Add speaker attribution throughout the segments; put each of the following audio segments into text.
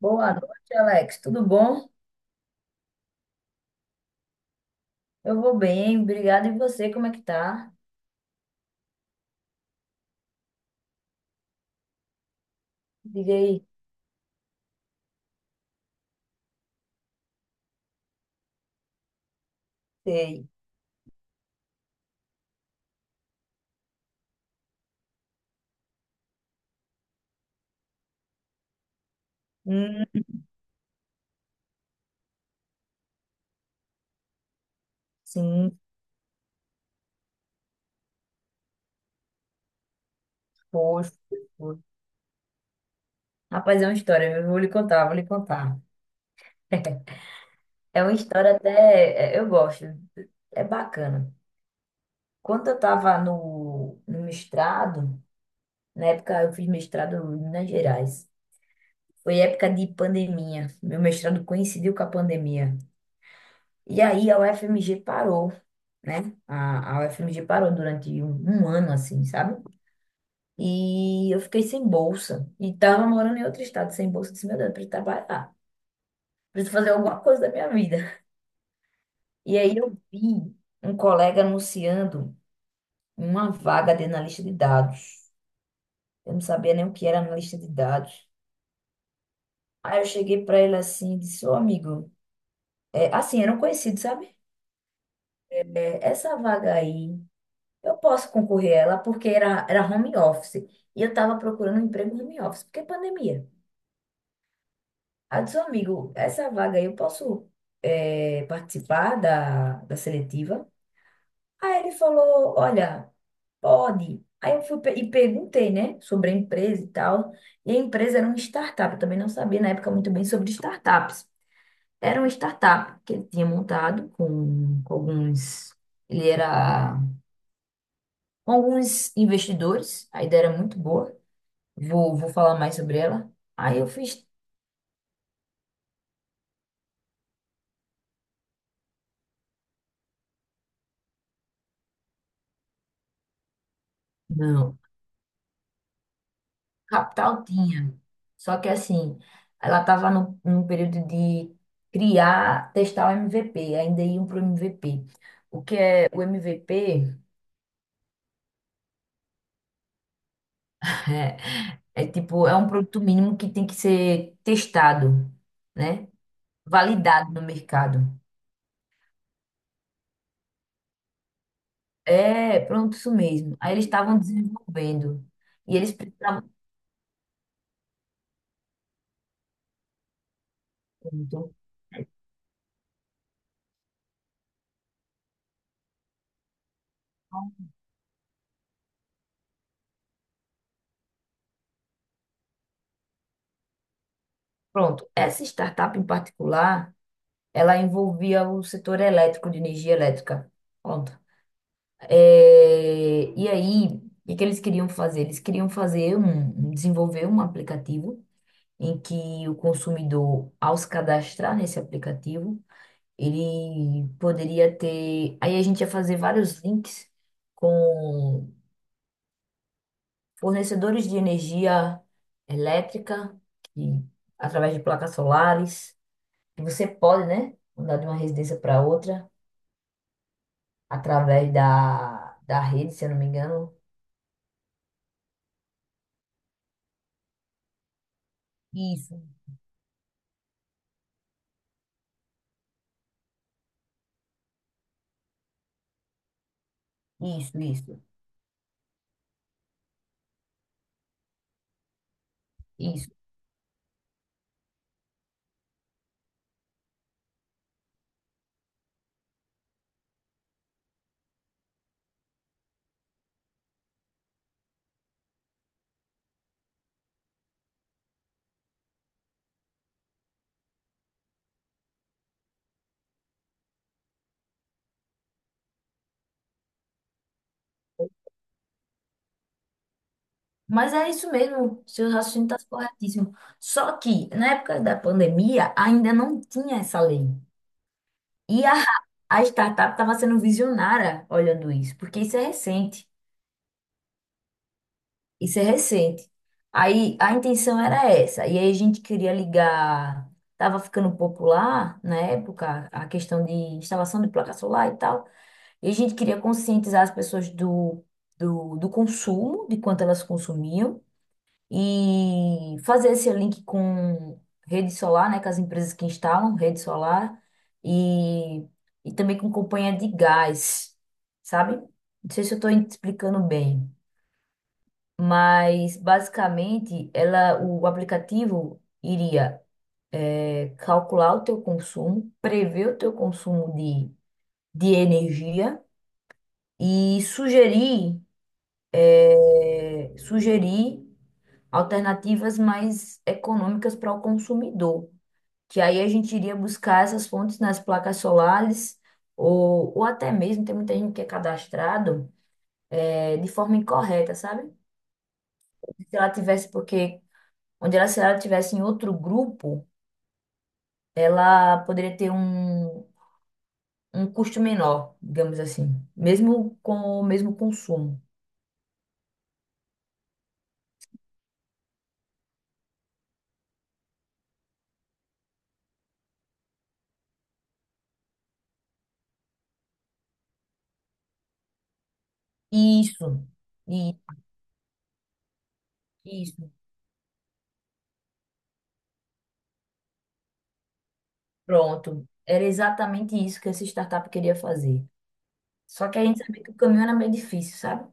Speaker 1: Boa noite, Alex. Tudo bom? Eu vou bem, obrigada. E você, como é que tá? Diga aí. Sei. Hum, sim, poxa. Rapaz, é uma história, eu vou lhe contar, vou lhe contar. É uma história até, é, eu gosto, é bacana. Quando eu tava no mestrado, na época eu fiz mestrado em Minas Gerais. Foi época de pandemia. Meu mestrado coincidiu com a pandemia. E aí a UFMG parou, né? A UFMG parou durante um ano, assim, sabe? E eu fiquei sem bolsa. E tava morando em outro estado sem bolsa. Eu disse, meu Deus, eu preciso trabalhar. Preciso fazer alguma coisa da minha vida. E aí eu vi um colega anunciando uma vaga de analista de dados. Eu não sabia nem o que era analista de dados. Aí eu cheguei para ele assim e disse, ô amigo, é, assim, era um conhecido, sabe? É, essa vaga aí. Eu posso concorrer a ela porque era home office. E eu estava procurando um emprego home office, porque é pandemia. Aí eu disse, amigo, essa vaga aí eu posso participar da seletiva? Aí ele falou, olha, pode. Aí eu fui e perguntei, né, sobre a empresa e tal. E a empresa era uma startup, eu também não sabia na época muito bem sobre startups. Era uma startup que ele tinha montado com alguns... Ele era com alguns investidores, a ideia era muito boa. Vou falar mais sobre ela. Aí eu fiz. Não, capital tinha. Só que assim, ela estava no, num período de criar, testar o MVP, ainda iam para o MVP. O que é o MVP? É é, tipo, é um produto mínimo que tem que ser testado, né? Validado no mercado. É, pronto, isso mesmo. Aí eles estavam desenvolvendo. E eles precisavam. Pronto. Pronto. Essa startup em particular. Ela envolvia o setor elétrico, de energia elétrica. Pronto. É, e aí, o que que eles queriam fazer? Eles queriam fazer desenvolver um aplicativo em que o consumidor, ao se cadastrar nesse aplicativo, ele poderia ter. Aí a gente ia fazer vários links com fornecedores de energia elétrica, que, através de placas solares, que você pode, né, mudar de uma residência para outra. Através da rede, se eu não me engano. Isso. Isso, isso, isso. Mas é isso mesmo, seu raciocínio está corretíssimo. Só que na época da pandemia ainda não tinha essa lei. E a startup estava sendo visionária olhando isso, porque isso é recente. Isso é recente. Aí a intenção era essa. E aí a gente queria ligar. Estava ficando popular na época a questão de instalação de placa solar e tal. E a gente queria conscientizar as pessoas do consumo, de quanto elas consumiam, e fazer esse link com rede solar, né, com as empresas que instalam rede solar, e, e também com companhia de gás, sabe? Não sei se eu estou explicando bem, mas basicamente ela, o aplicativo iria calcular o teu consumo, prever o teu consumo de energia e sugerir. Sugerir alternativas mais econômicas para o consumidor, que aí a gente iria buscar essas fontes nas placas solares ou até mesmo tem muita gente que é cadastrado de forma incorreta, sabe? Se ela tivesse, porque onde ela, se ela tivesse em outro grupo, ela poderia ter um custo menor, digamos assim, mesmo com o mesmo consumo. Isso, i- isso. Pronto. Era exatamente isso que essa startup queria fazer. Só que a gente sabia que o caminho era meio difícil, sabe?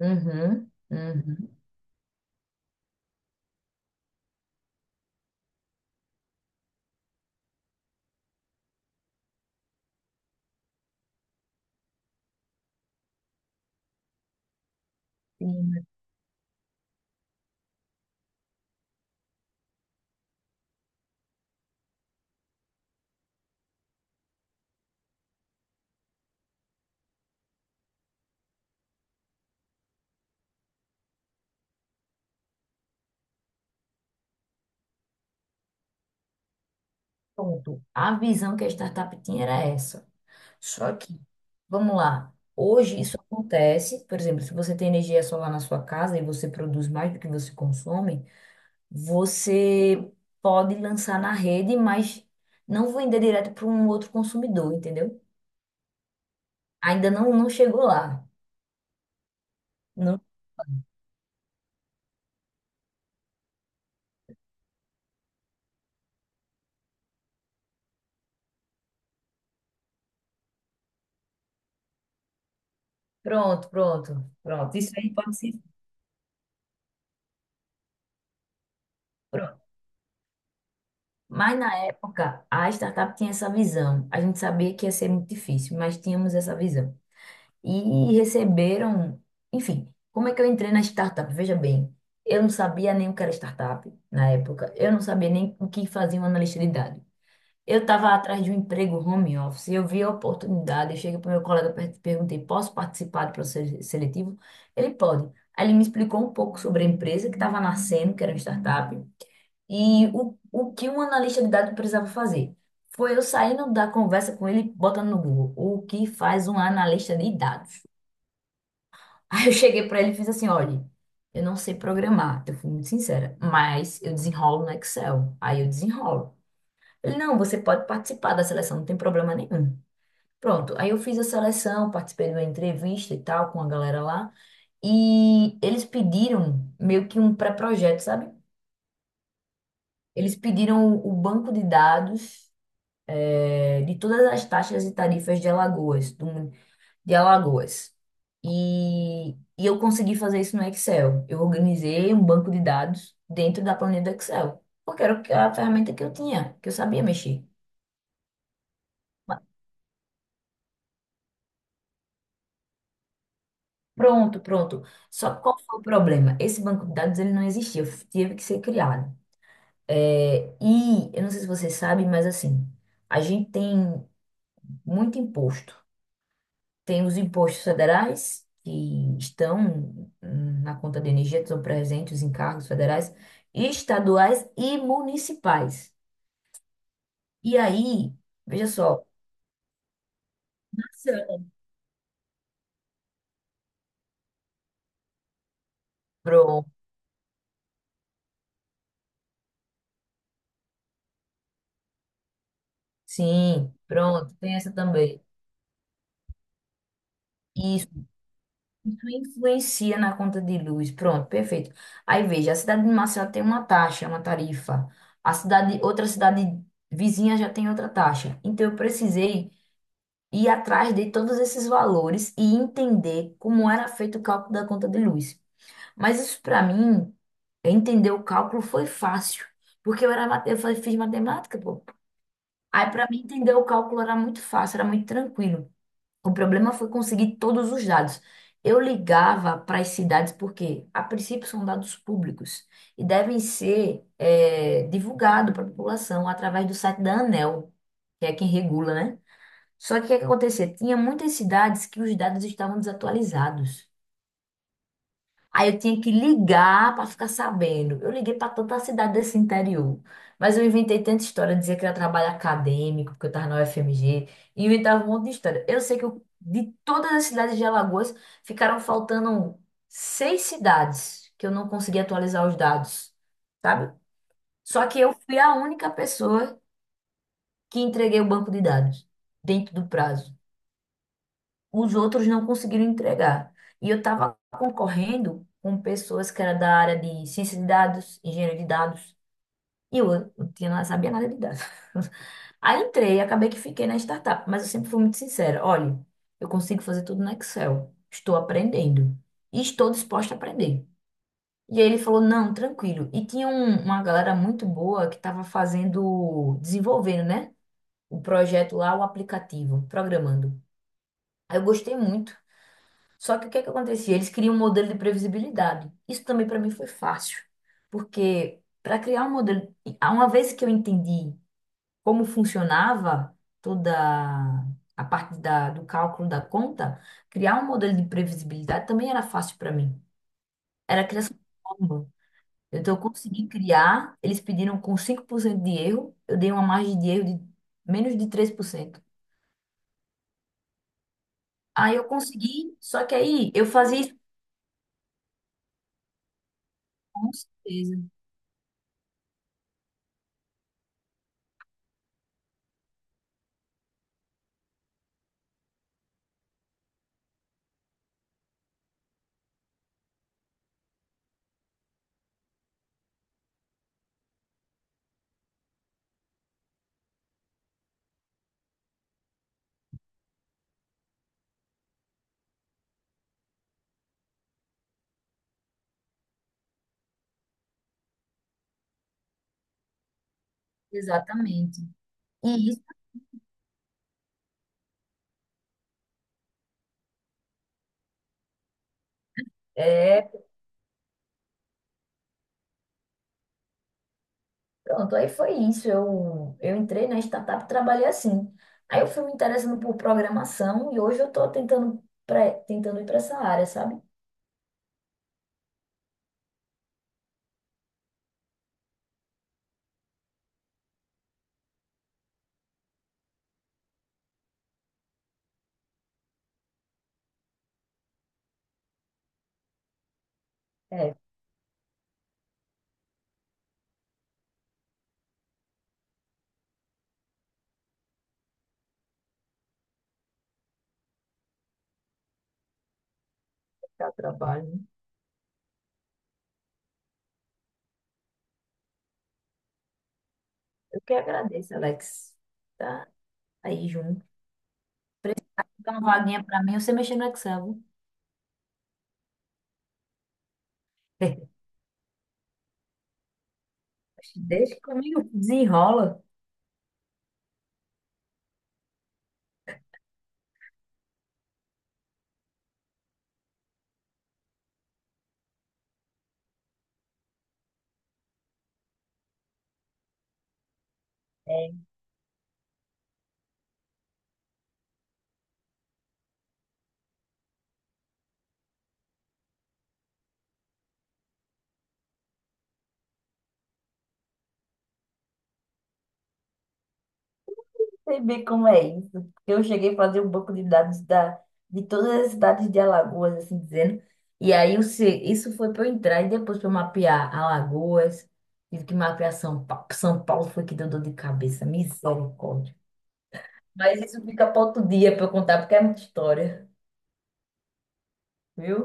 Speaker 1: Uhum, uhum. Sim, mas pronto. A visão que a startup tinha era essa. Só que, vamos lá. Hoje isso acontece, por exemplo, se você tem energia solar na sua casa e você produz mais do que você consome, você pode lançar na rede, mas não vender direto para um outro consumidor, entendeu? Ainda não, não chegou lá. Não. Pronto, pronto, pronto. Isso aí pode ser. Pronto. Mas na época, a startup tinha essa visão. A gente sabia que ia ser muito difícil, mas tínhamos essa visão. E receberam. Enfim, como é que eu entrei na startup? Veja bem, eu não sabia nem o que era startup na época. Eu não sabia nem o que fazia um analista de dados. Eu estava atrás de um emprego home office, eu vi a oportunidade, eu cheguei para o meu colega perguntei, posso participar do processo seletivo? Ele pode. Aí ele me explicou um pouco sobre a empresa que estava nascendo, que era uma startup, e o que um analista de dados precisava fazer. Foi eu saindo da conversa com ele, botando no Google, o que faz um analista de dados? Aí eu cheguei para ele e fiz assim, olha, eu não sei programar, eu fui muito sincera, mas eu desenrolo no Excel. Aí eu desenrolo. Ele, não, você pode participar da seleção, não tem problema nenhum. Pronto, aí eu fiz a seleção, participei de uma entrevista e tal com a galera lá, e eles pediram meio que um pré-projeto, sabe? Eles pediram o banco de dados de todas as taxas e tarifas de Alagoas, do de Alagoas. E e eu consegui fazer isso no Excel. Eu organizei um banco de dados dentro da planilha do Excel, porque era o a ferramenta que eu tinha, que eu sabia mexer. Pronto, pronto. Só que qual foi o problema? Esse banco de dados ele não existia, teve que ser criado. É, e eu não sei se você sabe, mas assim, a gente tem muito imposto. Tem os impostos federais que estão na conta de energia, estão presentes em cargos federais, estaduais e municipais. E aí, veja só, pronto, sim, pronto, tem essa também. E isso influencia na conta de luz. Pronto, perfeito. Aí veja, a cidade de Maceió tem uma taxa, uma tarifa. A cidade, outra cidade vizinha já tem outra taxa. Então eu precisei ir atrás de todos esses valores e entender como era feito o cálculo da conta de luz. Mas isso para mim, entender o cálculo foi fácil, porque eu era, mate- eu fa- fiz matemática, pô. Aí para mim entender o cálculo era muito fácil, era muito tranquilo. O problema foi conseguir todos os dados. Eu ligava para as cidades porque, a princípio, são dados públicos e devem ser divulgados para a população através do site da ANEL, que é quem regula, né? Só que o que acontecia? Tinha muitas cidades que os dados estavam desatualizados. Aí eu tinha que ligar para ficar sabendo. Eu liguei para tanta cidade desse interior. Mas eu inventei tanta história, dizia que era trabalho acadêmico, porque eu estava na UFMG, e inventava um monte de história. Eu sei que de todas as cidades de Alagoas, ficaram faltando seis cidades que eu não consegui atualizar os dados, sabe? Só que eu fui a única pessoa que entreguei o banco de dados dentro do prazo. Os outros não conseguiram entregar. E eu estava concorrendo com pessoas que eram da área de ciência de dados, engenharia de dados, e eu não tinha, sabia nada de dados. Aí entrei e acabei que fiquei na startup, mas eu sempre fui muito sincera. Olha, eu consigo fazer tudo no Excel, estou aprendendo e estou disposta a aprender. E aí ele falou, não, tranquilo. E tinha uma galera muito boa que estava fazendo, desenvolvendo, né? O projeto lá, o aplicativo, programando. Aí eu gostei muito. Só que o que é que acontecia? Eles criam um modelo de previsibilidade. Isso também para mim foi fácil, porque para criar um modelo, uma vez que eu entendi como funcionava toda a parte do cálculo da conta, criar um modelo de previsibilidade também era fácil para mim. Era a criação de fórmula. Então eu consegui criar, eles pediram com 5% de erro, eu dei uma margem de erro de menos de 3%. Aí eu consegui, só que aí eu fazia isso com certeza, exatamente. E É, Pronto, aí foi isso. Eu entrei na startup e trabalhei assim. Aí eu fui me interessando por programação e hoje eu estou tentando, tentando ir para essa área, sabe? É, dá trabalho, né? Eu que agradeço, Alex. Tá aí junto. Precisa dar uma vaguinha para mim, você mexer no Excel, viu? Deixa comigo, desenrola. Sei bem como é isso. Eu cheguei a fazer um banco de dados de todas as cidades de Alagoas, assim dizendo. E aí o isso foi para eu entrar e depois para eu mapear Alagoas. Tive que mapear São Paulo. São Paulo foi que deu dor de cabeça. Misericórdia. Mas isso fica para outro dia para eu contar, porque é muita história, viu?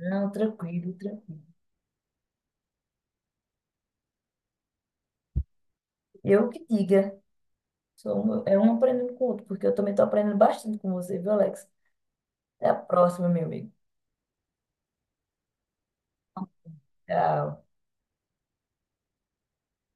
Speaker 1: Não, tranquilo, tranquilo. Eu que diga. É um aprendendo com o outro, porque eu também estou aprendendo bastante com você, viu, Alex? Até a próxima, meu amigo. Tchau.